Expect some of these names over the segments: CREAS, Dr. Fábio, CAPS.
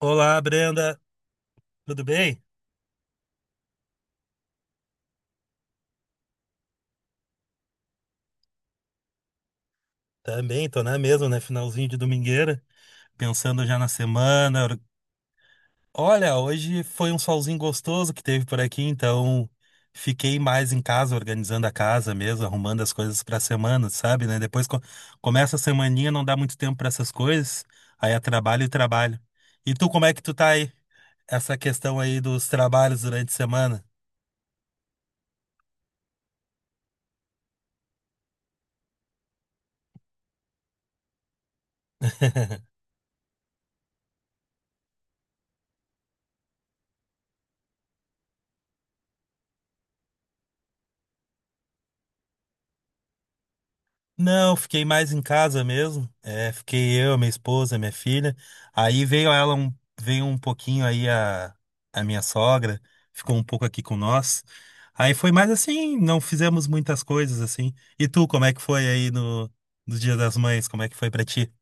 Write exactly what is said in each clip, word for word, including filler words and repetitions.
Olá, Brenda, tudo bem? Também, tô na mesma, né? Finalzinho de domingueira, pensando já na semana. Olha, hoje foi um solzinho gostoso que teve por aqui, então fiquei mais em casa, organizando a casa mesmo, arrumando as coisas pra semana, sabe, né? Depois co- começa a semaninha, não dá muito tempo pra essas coisas, aí é trabalho e trabalho. E tu, como é que tu tá aí? Essa questão aí dos trabalhos durante a semana? Não, fiquei mais em casa mesmo. É, fiquei eu, minha esposa, minha filha. Aí veio ela um, Veio um pouquinho aí a, a minha sogra, ficou um pouco aqui com nós. Aí foi mais assim, não fizemos muitas coisas assim. E tu, como é que foi aí no, no Dia das Mães? Como é que foi pra ti?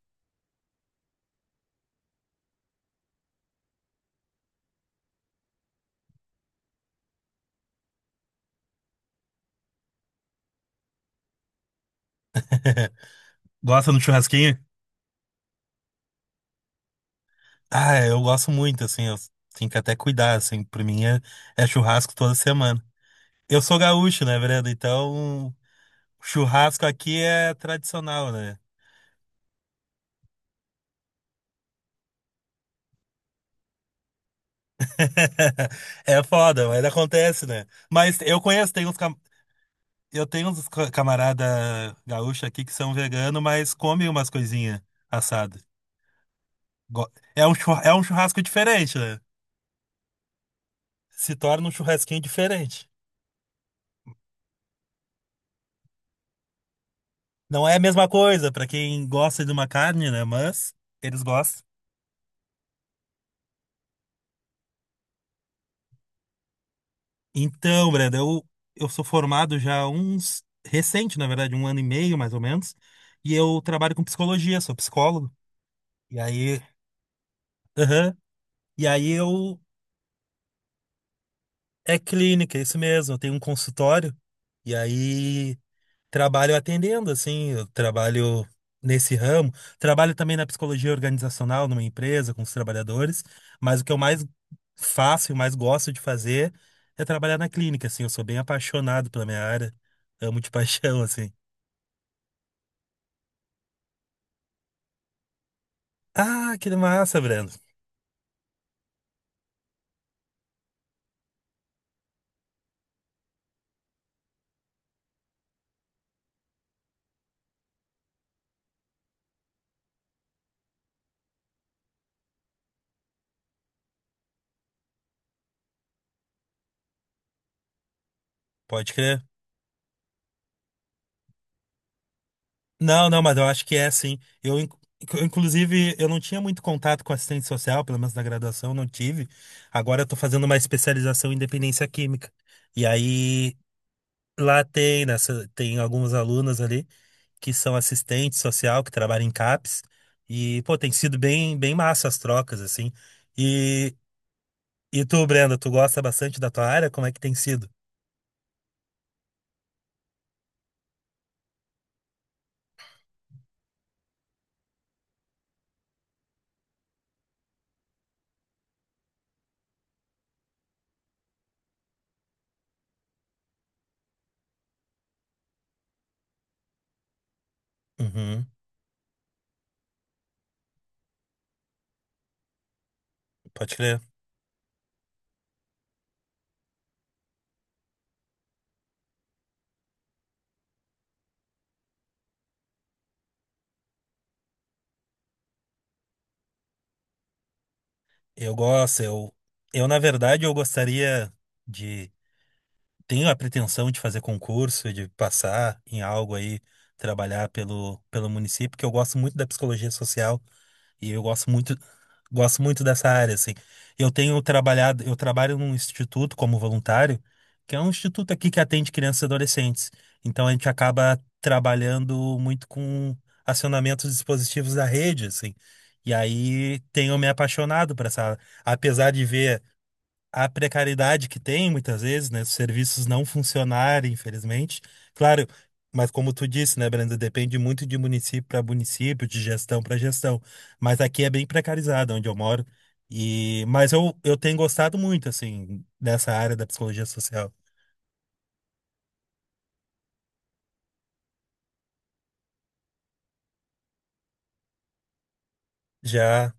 Gosta do churrasquinho? Ah, eu gosto muito, assim, eu tenho que até cuidar, assim, pra mim é, é churrasco toda semana. Eu sou gaúcho, né, Brenda? Então, churrasco aqui é tradicional, né? É foda, mas acontece, né? Mas eu conheço, tem uns, cam- eu tenho uns ca- camarada gaúcho aqui que são vegano, mas comem umas coisinhas assadas. Go- É um churra- é um churrasco diferente, né? Se torna um churrasquinho diferente. Não é a mesma coisa pra quem gosta de uma carne, né? Mas eles gostam. Então, Brenda, eu, eu sou formado já há uns recente, na verdade, um ano e meio mais ou menos, e eu trabalho com psicologia, sou psicólogo. E aí, aham. E aí eu... É clínica, é isso mesmo. Eu tenho um consultório e aí trabalho atendendo, assim, eu trabalho nesse ramo. Trabalho também na psicologia organizacional numa empresa com os trabalhadores, mas o que eu mais faço e mais gosto de fazer é trabalhar na clínica, assim. Eu sou bem apaixonado pela minha área, amo de paixão, assim. Ah, que massa, Breno. Pode crer. Não, não, mas eu acho que é sim. Eu, in- eu, inclusive, eu não tinha muito contato com assistente social, pelo menos na graduação, não tive. Agora eu tô fazendo uma especialização em dependência química. E aí lá tem, nessa, tem algumas alunas ali que são assistente social, que trabalham em CAPS. E, pô, tem sido bem, bem massa as trocas, assim. E, e tu, Brenda, tu gosta bastante da tua área? Como é que tem sido? Uhum, pode crer. Eu gosto, eu, eu na verdade, eu gostaria de tenho a pretensão de fazer concurso, de passar em algo aí, trabalhar pelo, pelo município, porque eu gosto muito da psicologia social e eu gosto muito, gosto muito dessa área, assim. Eu tenho trabalhado, eu trabalho num instituto como voluntário, que é um instituto aqui que atende crianças e adolescentes. Então a gente acaba trabalhando muito com acionamentos dispositivos da rede, assim. E aí tenho me apaixonado por essa área. Apesar de ver a precariedade que tem muitas vezes, né? Os serviços não funcionarem, infelizmente. Claro, mas como tu disse, né, Brenda, depende muito de município para município, de gestão para gestão. Mas aqui é bem precarizado onde eu moro. E mas eu, eu tenho gostado muito assim dessa área da psicologia social. Já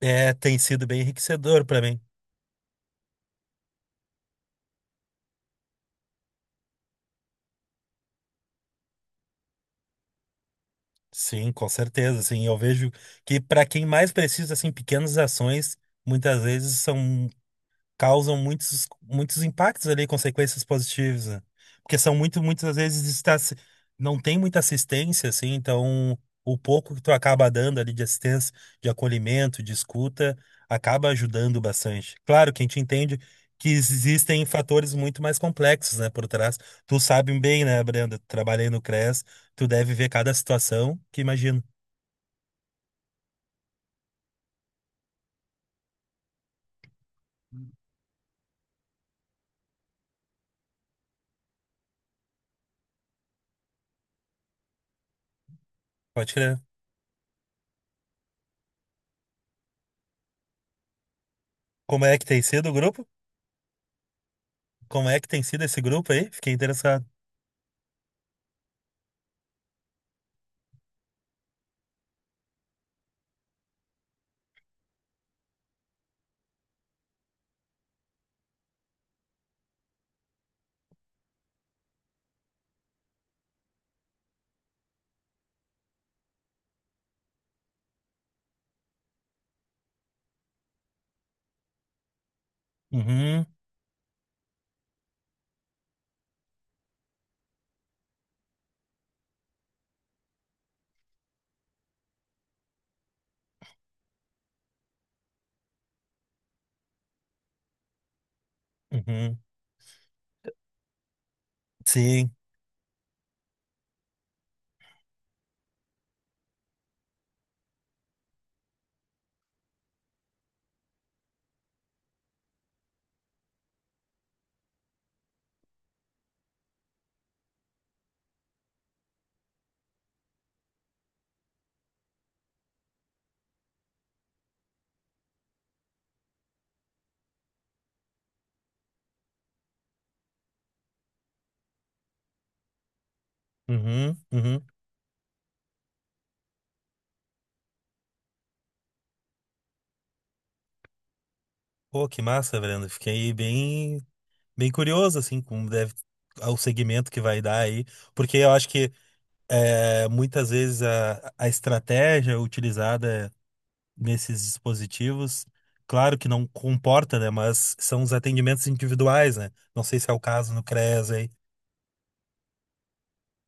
é tem sido bem enriquecedor para mim. Sim, com certeza, assim, eu vejo que para quem mais precisa assim pequenas ações muitas vezes são causam muitos, muitos impactos ali, consequências positivas, né? Porque são muito, muitas vezes está, se- não tem muita assistência, assim, então o pouco que tu acaba dando ali de assistência, de acolhimento, de escuta, acaba ajudando bastante. Claro que a gente entende que existem fatores muito mais complexos, né, por trás. Tu sabe bem, né, Brenda, trabalhei no crés, tu deve ver cada situação que imagino. Pode crer. Como é que tem sido o grupo? Como é que tem sido esse grupo aí? Fiquei interessado. Uhum, uhum. Sim. Uhum, uhum. Pô, que massa, Brenda. Fiquei bem, bem curioso, assim, como deve ao segmento que vai dar aí, porque eu acho que é, muitas vezes a, a estratégia utilizada nesses dispositivos, claro que não comporta, né? Mas são os atendimentos individuais, né? Não sei se é o caso no créas aí.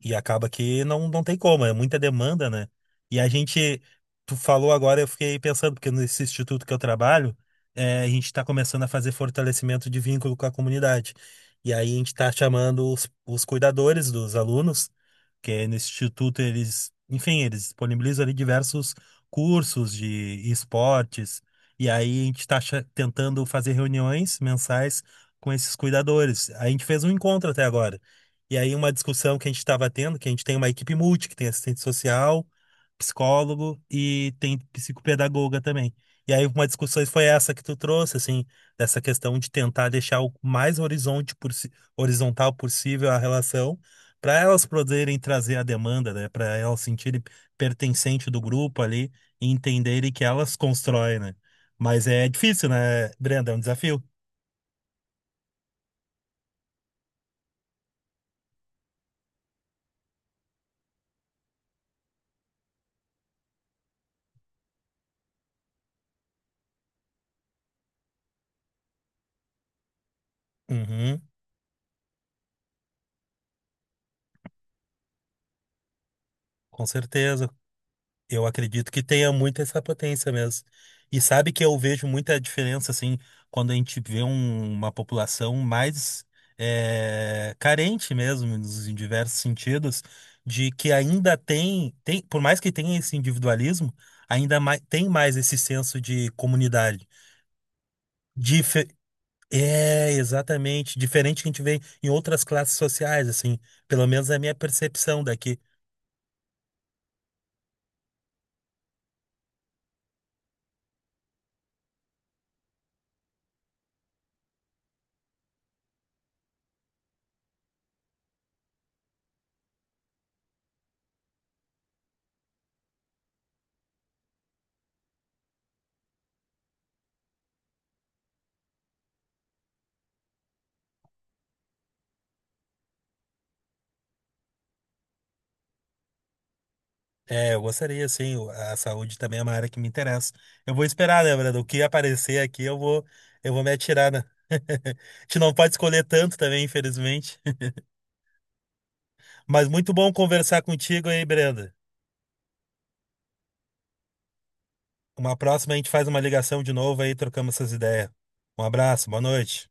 E acaba que não, não tem como, é muita demanda, né? E a gente, tu falou agora, eu fiquei pensando, porque nesse instituto que eu trabalho, eh, a gente está começando a fazer fortalecimento de vínculo com a comunidade. E aí a gente está chamando os, os cuidadores dos alunos que é nesse instituto eles, enfim, eles disponibilizam ali diversos cursos de esportes, e aí a gente está tentando fazer reuniões mensais com esses cuidadores. A gente fez um encontro até agora. E aí uma discussão que a gente estava tendo, que a gente tem uma equipe multi, que tem assistente social, psicólogo e tem psicopedagoga também. E aí uma discussão foi essa que tu trouxe, assim, dessa questão de tentar deixar o mais horizonte por, si, horizontal possível a relação para elas poderem trazer a demanda, né? Para elas sentirem pertencente do grupo ali e entenderem que elas constroem, né? Mas é difícil, né, Brenda? É um desafio. Uhum, com certeza. Eu acredito que tenha muito essa potência mesmo. E sabe que eu vejo muita diferença, assim, quando a gente vê um- uma população mais eh, carente mesmo, nos- em diversos sentidos, de que ainda tem, tem, por mais que tenha esse individualismo, ainda mai- tem mais esse senso de comunidade. Dife- É, exatamente. Diferente que a gente vê em outras classes sociais, assim, pelo menos é a minha percepção daqui. É, eu gostaria, sim. o- A saúde também é uma área que me interessa. Eu vou esperar, né, Brando? O que aparecer aqui, eu vou, eu vou me atirar, né? A gente não pode escolher tanto também, infelizmente. Mas muito bom conversar contigo aí, Brenda. Uma próxima a gente faz uma ligação de novo aí, trocamos essas ideias. Um abraço, boa noite.